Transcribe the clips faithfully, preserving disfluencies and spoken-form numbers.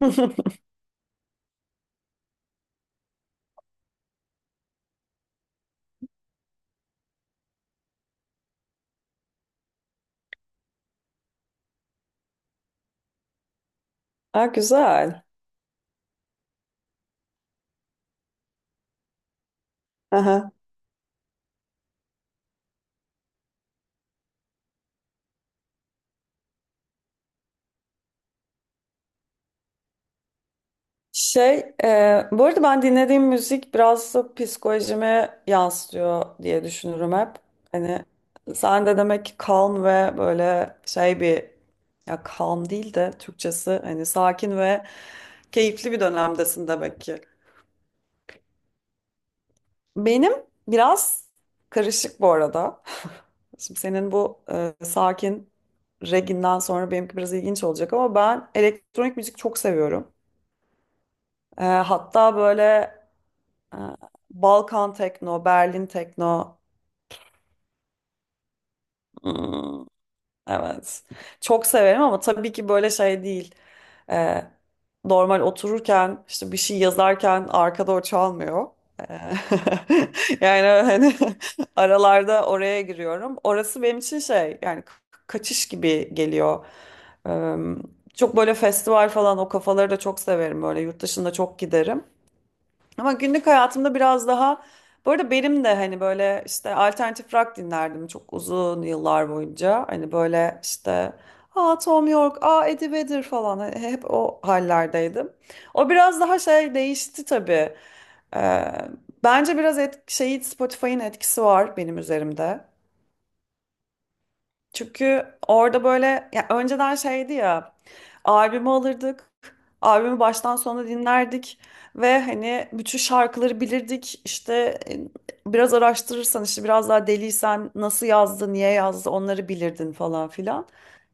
Ha, güzel. Aha. Şey, e, bu arada ben dinlediğim müzik biraz da psikolojime yansıtıyor diye düşünürüm hep. Hani sen de demek ki calm ve böyle şey bir, ya calm değil de Türkçesi hani sakin ve keyifli bir dönemdesin demek ki. Benim biraz karışık bu arada. Şimdi senin bu e, sakin reginden sonra benimki biraz ilginç olacak ama ben elektronik müzik çok seviyorum. E, hatta böyle e, Balkan tekno, Berlin tekno. Hmm, evet. Çok severim ama tabii ki böyle şey değil. E, normal otururken işte bir şey yazarken arkada o çalmıyor. E, Yani hani aralarda oraya giriyorum. Orası benim için şey yani ka- kaçış gibi geliyor. E, çok böyle festival falan o kafaları da çok severim. Böyle yurt dışında çok giderim. Ama günlük hayatımda biraz daha, bu arada benim de hani böyle işte alternatif rock dinlerdim çok uzun yıllar boyunca. Hani böyle işte aa Tom York, aa Eddie Vedder falan. Hani hep o hallerdeydim. O biraz daha şey değişti tabii. Ee, bence biraz et, şeyi Spotify'ın etkisi var benim üzerimde. Çünkü orada böyle, ya önceden şeydi, ya albümü alırdık. Albümü baştan sona dinlerdik ve hani bütün şarkıları bilirdik. İşte e, biraz araştırırsan işte biraz daha deliysen nasıl yazdı, niye yazdı onları bilirdin falan filan.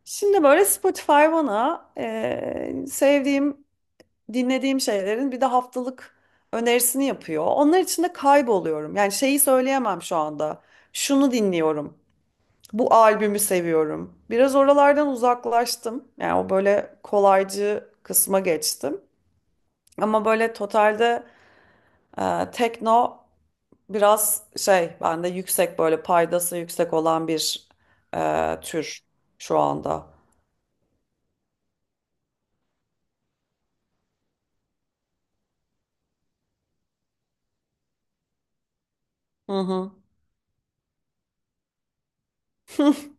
Şimdi böyle Spotify bana e, sevdiğim, dinlediğim şeylerin bir de haftalık önerisini yapıyor. Onlar içinde kayboluyorum. Yani şeyi söyleyemem şu anda. Şunu dinliyorum. Bu albümü seviyorum. Biraz oralardan uzaklaştım. Yani o böyle kolaycı kısma geçtim. Ama böyle totalde e, tekno, biraz şey bende yüksek, böyle paydası yüksek olan bir e, tür şu anda. Hı hı.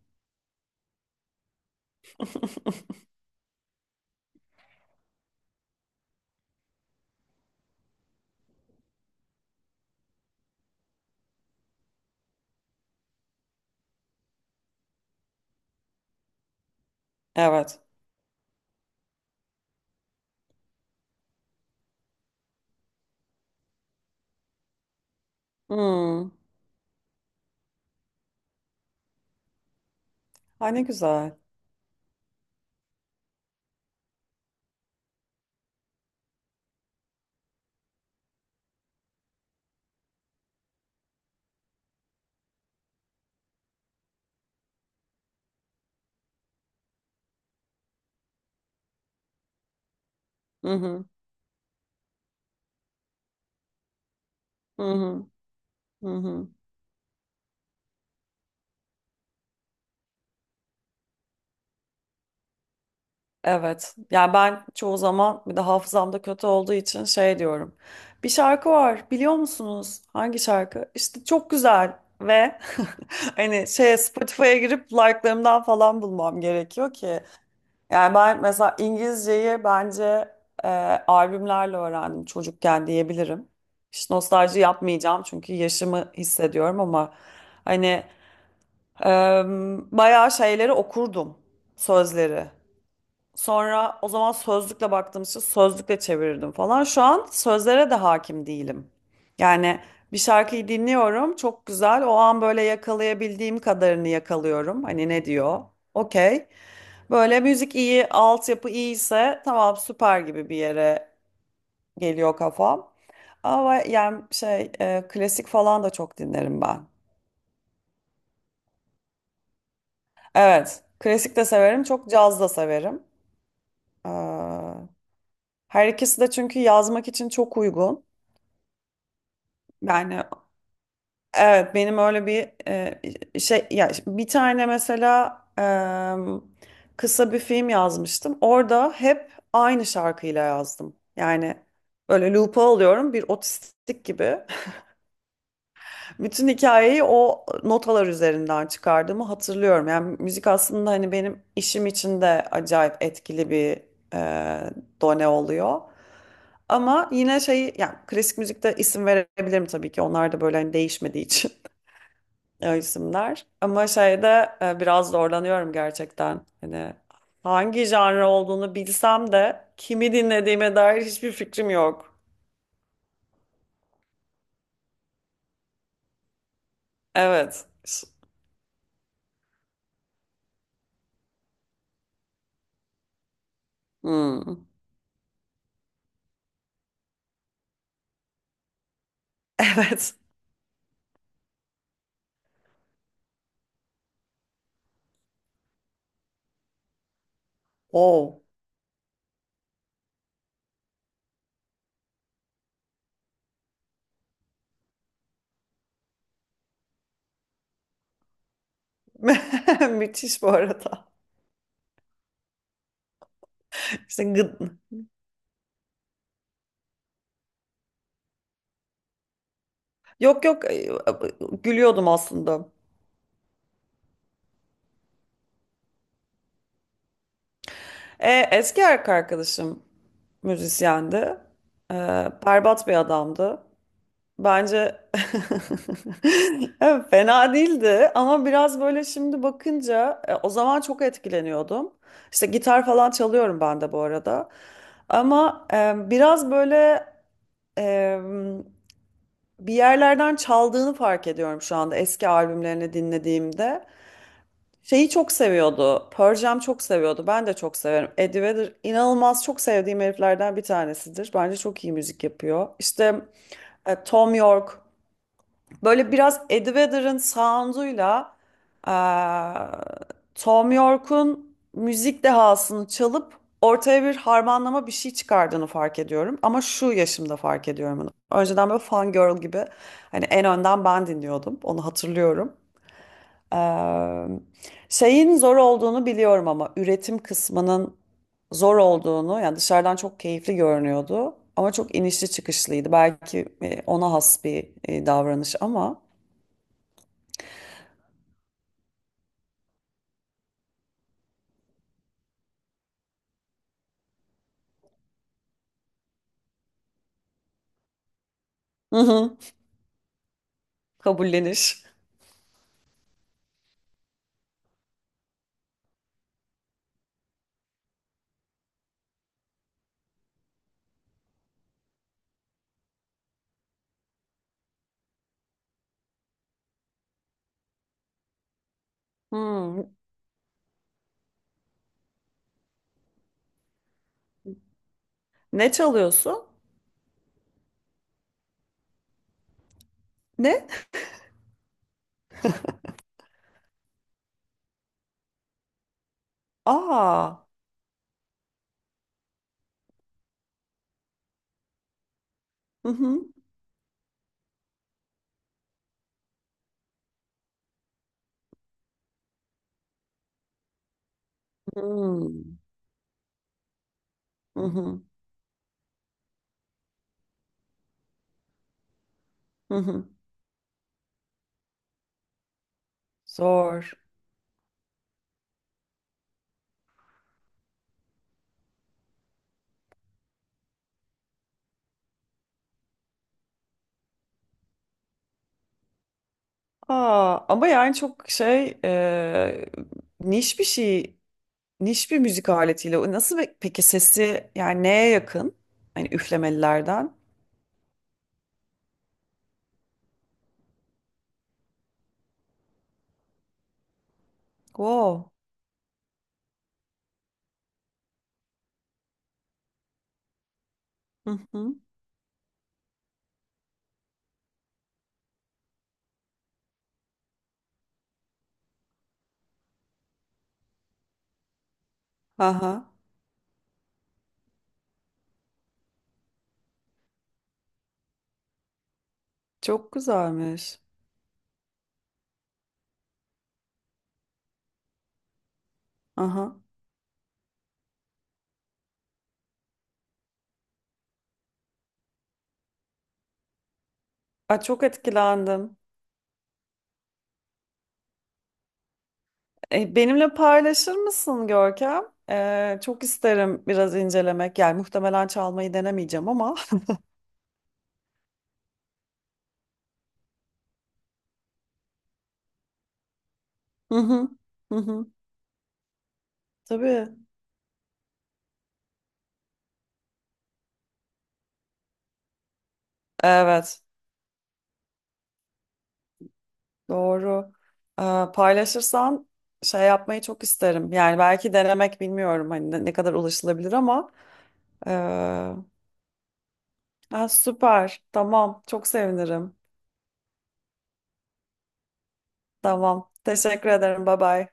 Evet. Hmm. Ay ne güzel. Hı hı. Hı hı. Hı hı. Evet. Yani ben çoğu zaman bir de hafızamda kötü olduğu için şey diyorum. Bir şarkı var biliyor musunuz? Hangi şarkı? İşte çok güzel ve hani şeye, Spotify'a girip like'larımdan falan bulmam gerekiyor ki. Yani ben mesela İngilizceyi bence e, albümlerle öğrendim çocukken diyebilirim. Hiç nostalji yapmayacağım çünkü yaşımı hissediyorum ama hani e, bayağı şeyleri okurdum, sözleri. Sonra o zaman sözlükle baktığım için sözlükle çevirirdim falan. Şu an sözlere de hakim değilim. Yani bir şarkıyı dinliyorum, çok güzel. O an böyle yakalayabildiğim kadarını yakalıyorum. Hani ne diyor? Okey. Böyle müzik iyi, altyapı iyiyse tamam süper gibi bir yere geliyor kafam. Ama yani şey e, klasik falan da çok dinlerim ben. Evet, klasik de severim, çok caz da severim. Ee, her ikisi de çünkü yazmak için çok uygun. Yani evet benim öyle bir e, şey, ya bir tane mesela e, kısa bir film yazmıştım. Orada hep aynı şarkıyla yazdım. Yani böyle loop'a alıyorum bir otistik gibi. Bütün hikayeyi o notalar üzerinden çıkardığımı hatırlıyorum. Yani müzik aslında hani benim işim için de acayip etkili bir e, done oluyor. Ama yine şey yani klasik müzikte isim verebilirim tabii ki. Onlar da böyle hani değişmediği için, o isimler. Ama şeyde e, biraz zorlanıyorum gerçekten. Hani hangi janra olduğunu bilsem de kimi dinlediğime dair hiçbir fikrim yok. Evet. Hmm. Evet. Oh. Müthiş bu arada. İşte gıd. Yok yok, e, gülüyordum aslında. E, eski erkek arkadaşım müzisyendi. E, berbat bir adamdı. Bence Evet, fena değildi ama biraz böyle şimdi bakınca e, o zaman çok etkileniyordum. İşte gitar falan çalıyorum ben de bu arada. Ama e, biraz böyle e, bir yerlerden çaldığını fark ediyorum şu anda eski albümlerini dinlediğimde. Şeyi çok seviyordu. Pearl Jam çok seviyordu. Ben de çok severim. Eddie Vedder inanılmaz çok sevdiğim heriflerden bir tanesidir. Bence çok iyi müzik yapıyor. İşte e, Tom York böyle biraz Ed Vedder'ın sound'uyla eee, Tom York'un müzik dehasını çalıp ortaya bir harmanlama bir şey çıkardığını fark ediyorum. Ama şu yaşımda fark ediyorum bunu. Önceden böyle fan girl gibi hani en önden ben dinliyordum. Onu hatırlıyorum. Eee, şeyin zor olduğunu biliyorum ama üretim kısmının zor olduğunu, yani dışarıdan çok keyifli görünüyordu. Ama çok inişli çıkışlıydı. Belki e, ona has bir e, davranış ama. Hı hı. Kabulleniş. Hmm. Ne çalıyorsun? Ne? Aa. Hı hı. Hmm. Hı hı. Hı hı. Zor. Aa, ama yani çok şey, e, niş bir şey, niş bir müzik aletiyle. O nasıl be- peki sesi, yani neye yakın? Hani üflemelilerden. Wow. Hı hı. Aha. Çok güzelmiş. Aha. Aa, çok etkilendim. E, benimle paylaşır mısın Görkem? E, çok isterim biraz incelemek. Yani muhtemelen çalmayı denemeyeceğim ama. Hı hı, hı hı. Tabii. Evet, doğru. E, paylaşırsan şey yapmayı çok isterim. Yani belki denemek bilmiyorum hani ne, ne kadar ulaşılabilir ama. E, ha, süper. Tamam. Çok sevinirim. Tamam. Teşekkür ederim. Bye bye.